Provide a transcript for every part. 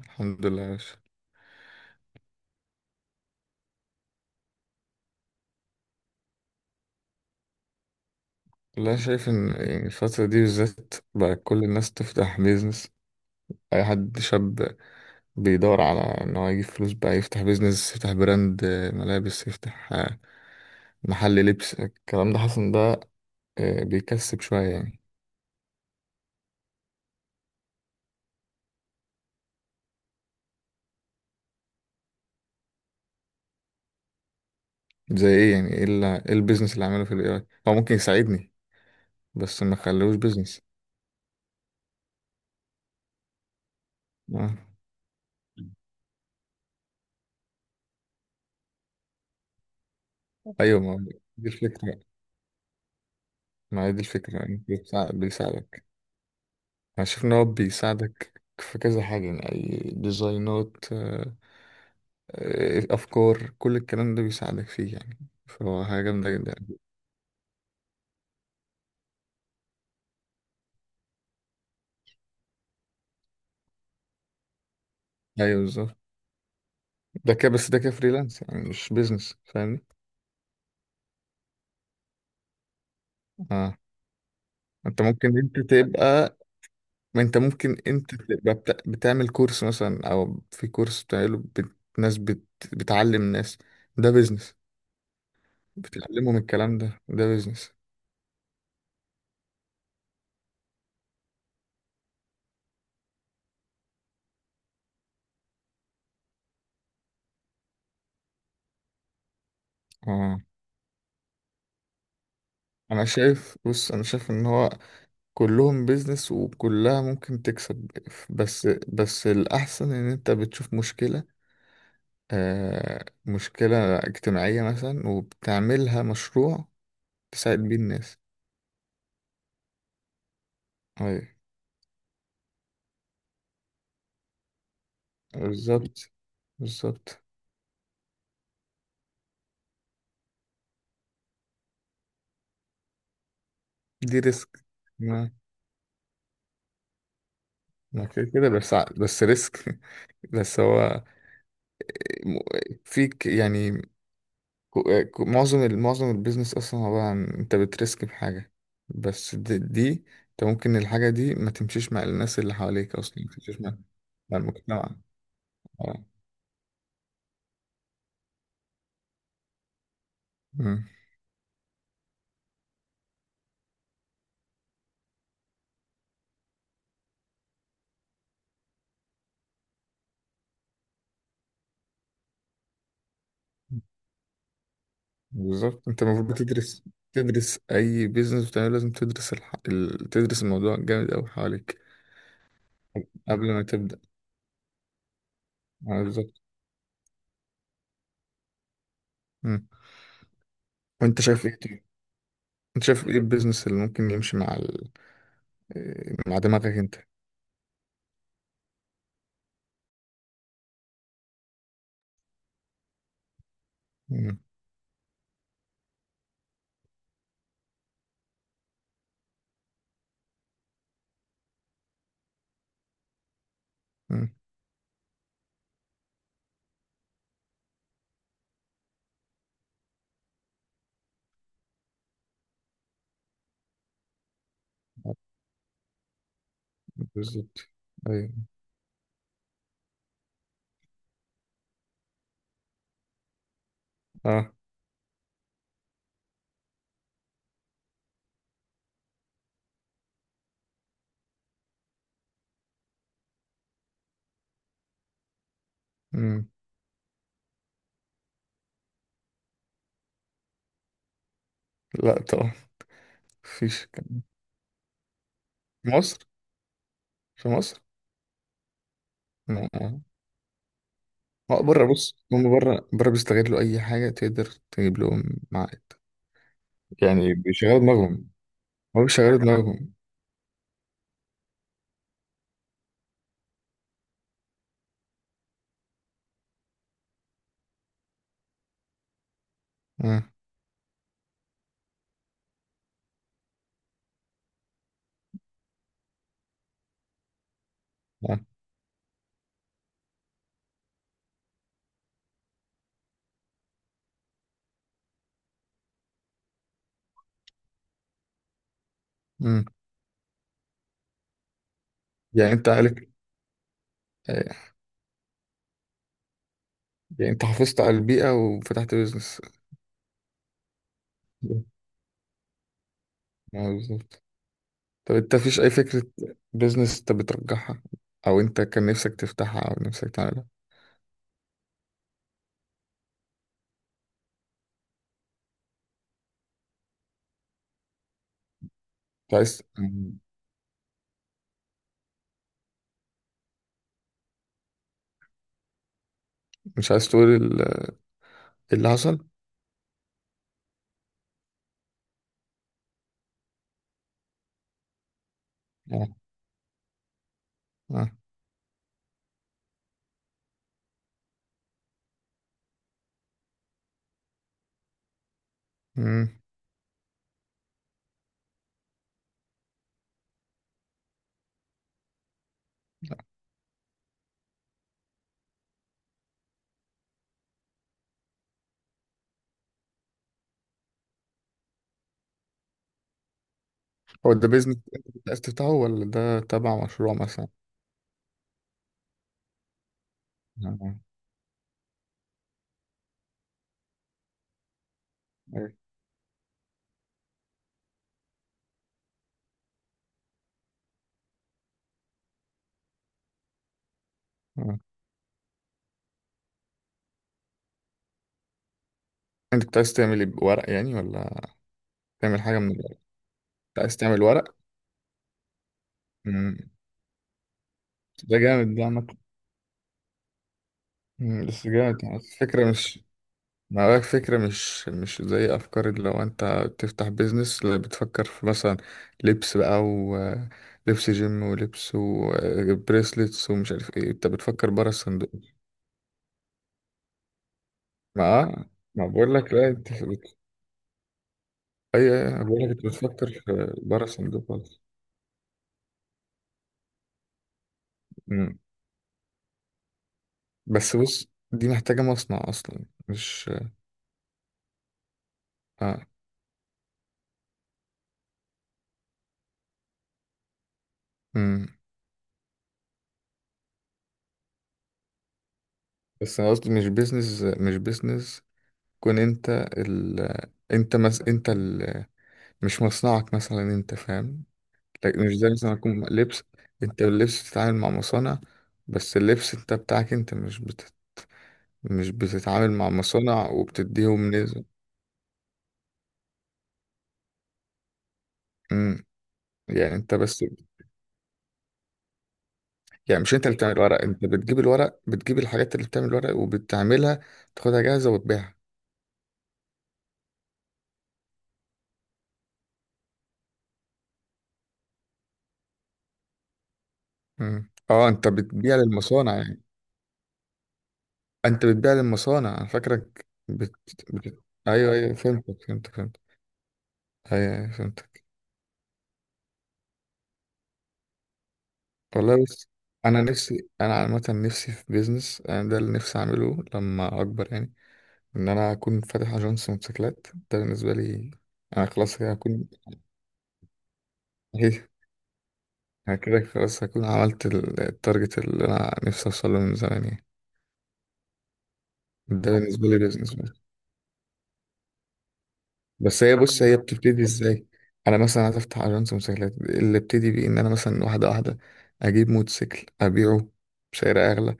الحمد لله يا باشا. والله شايف ان يعني الفترة دي بالذات بقى كل الناس تفتح بيزنس، اي حد شاب بيدور على ان هو يجيب فلوس بقى يفتح بيزنس، يفتح براند ملابس، يفتح محل لبس، الكلام ده حاسس ان ده بيكسب شوية يعني. زي ايه يعني؟ ايه إيه البيزنس اللي عامله في الاي اي هو ممكن يساعدني؟ بس ما خلوش بيزنس. آه. ايوه ما هو دي الفكرة، ما هي دي الفكرة يعني بيساعدك. انا شايف ان هو بيساعدك في كذا حاجة يعني اي ديزاينات، افكار، كل الكلام ده بيساعدك فيه يعني، فهو حاجة جامدة جدا. ايوه بالظبط، ده كده بس، ده كده فريلانس يعني مش بيزنس، فاهمني؟ اه. انت ممكن انت تبقى، ما انت ممكن انت تبقى بتعمل كورس مثلا، او في كورس بتعمله ناس بتعلم ناس، ده بيزنس. بتعلمهم الكلام ده، ده بيزنس. اه. انا شايف، بص انا شايف ان هو كلهم بيزنس وكلها ممكن تكسب، بس الأحسن إن أنت بتشوف مشكلة، آه مشكلة اجتماعية مثلا وبتعملها مشروع تساعد بيه الناس. أيوة. بالظبط، بالظبط. دي ريسك، ما كده كده بس بس ريسك. بس هو م- فيك يعني. معظم معظم البيزنس اصلا عباره عن انت بترسك بحاجه، بس دي انت ممكن الحاجه دي ما تمشيش مع الناس اللي حواليك اصلا، ما تمشيش مع مع المجتمع. اه. أمم. بالظبط، انت المفروض تدرس، تدرس اي بيزنس بتعمله لازم تدرس تدرس الموضوع جامد قوي حواليك قبل ما تبدا. آه، بالظبط. أمم. وانت شايف ايه طيب؟ انت شايف ايه البيزنس اللي ممكن يمشي مع مع دماغك انت؟ أمم. أمم. بالظبط. ايوه. اه. أمم. لا طبعا، مفيش الكلام في مصر، في مصر. ما هو بره، بص هم بره بره بيستغلوا اي حاجه تقدر تجيب لهم عائد، يعني بيشغلوا دماغهم، هو بيشغلوا دماغهم. آه، آه، مم. يعني انت عارف. آه، يعني انت حافظت على البيئه وفتحت بيزنس. آه، بالظبط. طب انت مفيش اي فكره بيزنس انت بترجحها، او انت كان نفسك تفتحها او نفسك تعملها؟ مش عايز. مم. مش عايز تقول اللي حصل؟ اه. اه. مم. هو ده بيزنس انت كنت عايز تفتحه ولا ده تبع مشروع مثلا؟ آه، أيوة. آه. انت كنت عايز تعمل ايه بورق يعني، ولا تعمل حاجة من الورق؟ كنت عايز تعمل ورق؟ مم. ده جامد، ده عامة. مم، بس جامد يعني، الفكرة مش، ما بالك، فكرة مش مش زي أفكار اللي لو أنت تفتح بيزنس، اللي بتفكر في مثلا لبس بقى، ولبس جيم ولبس وبريسلتس ومش عارف ايه. أنت بتفكر برا الصندوق. ما ما بقول لك، لا أنت اي أي، أنا بقولك انت بتفكر في بره الصندوق خالص. أمم. بس بص، دي محتاجة مصنع اصلا مش. اه. أمم. بس انا قصدي مش بيزنس، مش بيزنس كون انت انت انت مش مصنعك مثلا، انت فاهم؟ لكن مش زي مثلا يكون لبس، انت اللبس بتتعامل مع مصانع، بس اللبس انت بتاعك انت مش بتتعامل مع مصانع وبتديهم نسبة. أمم. يعني انت بس. يعني مش انت اللي بتعمل الورق، انت بتجيب الورق، بتجيب الحاجات اللي بتعمل الورق وبتعملها تاخدها جاهزة وتبيعها. مم. اه، انت بتبيع للمصانع يعني. انت بتبيع للمصانع، انا فاكرك ايوه ايوه، فهمتك فهمتك فهمتك. ايوه ايوه فهمتك. والله بس، انا نفسي، انا عامة نفسي في بيزنس، انا ده اللي نفسي اعمله لما اكبر يعني، ان انا اكون فاتح اجنس موتوسيكلات. ده بالنسبة لي انا خلاص كده هكون. ايه. أنا كده خلاص هكون عملت التارجت اللي انا نفسي اوصله من زمان يعني. ده بالنسبة لي بيزنس. بس بس هي، بص هي بتبتدي ازاي؟ انا مثلا عايز افتح اجنس موتوسيكلات، اللي ابتدي بيه ان انا مثلا واحدة واحدة اجيب موتوسيكل ابيعه بسعر اغلى،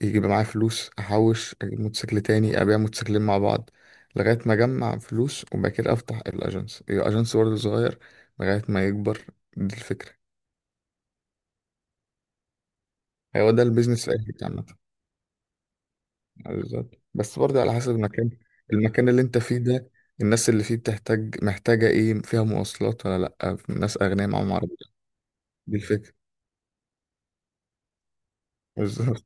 يجيب معايا فلوس احوش اجيب موتوسيكل تاني، ابيع موتوسيكلين مع بعض لغاية ما اجمع فلوس، وبعد كده افتح الاجنس، يبقى اجنس برضه صغير لغاية ما يكبر. دي الفكرة. هو ده البيزنس في اي حتة. آه، بالظبط، بس برضه على حسب المكان، المكان اللي انت فيه ده، الناس اللي فيه بتحتاج محتاجة ايه، فيها مواصلات ولا لأ، ناس أغنياء معاهم عربية. دي الفكرة، بالظبط.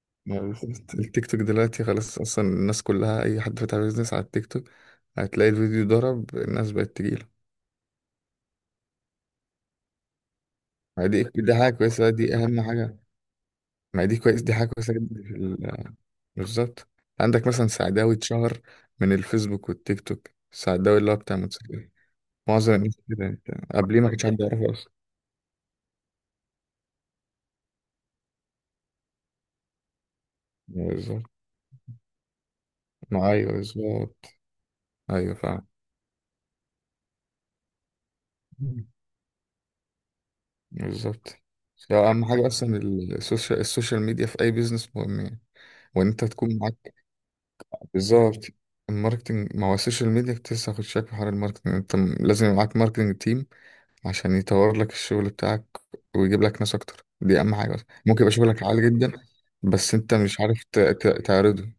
يعني بالظبط. التيك توك دلوقتي خلاص أصلا، الناس كلها أي حد فاتح بيزنس على التيك توك هتلاقي الفيديو ضرب، الناس بقت تجيله. ما دي حاجة كويسة، دي أهم حاجة. ما دي كويس، دي حاجة كويسة جدا في بالظبط. عندك مثلا سعداوي اتشهر من الفيسبوك والتيك توك، السعداوي اللي هو بتاع موتوسيكلات، معظم الناس كده. انت قبليه ما كانش حد يعرفه. بالظبط، ما أيوه بالظبط. أيوه فعلا. مم. بالظبط. ده أهم حاجة أصلا، السوشيال، السوشيال ميديا في أي بيزنس مهم يعني، وإن أنت تكون معاك. بالظبط. الماركتنج، ما هو السوشيال ميديا كنت لسه هاخد شكل في حوار الماركتنج، أنت لازم يبقى معاك ماركتنج تيم عشان يطور لك الشغل بتاعك ويجيب لك ناس أكتر، دي أهم حاجة أصلا، ممكن يبقى شغلك عالي جدا بس أنت مش عارف تعرضه.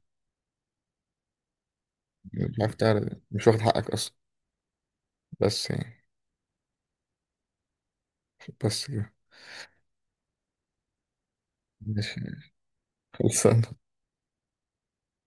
مش عارف تعرض، مش واخد حقك أصلا. بس يعني، بس كده. ماشي. خلصان.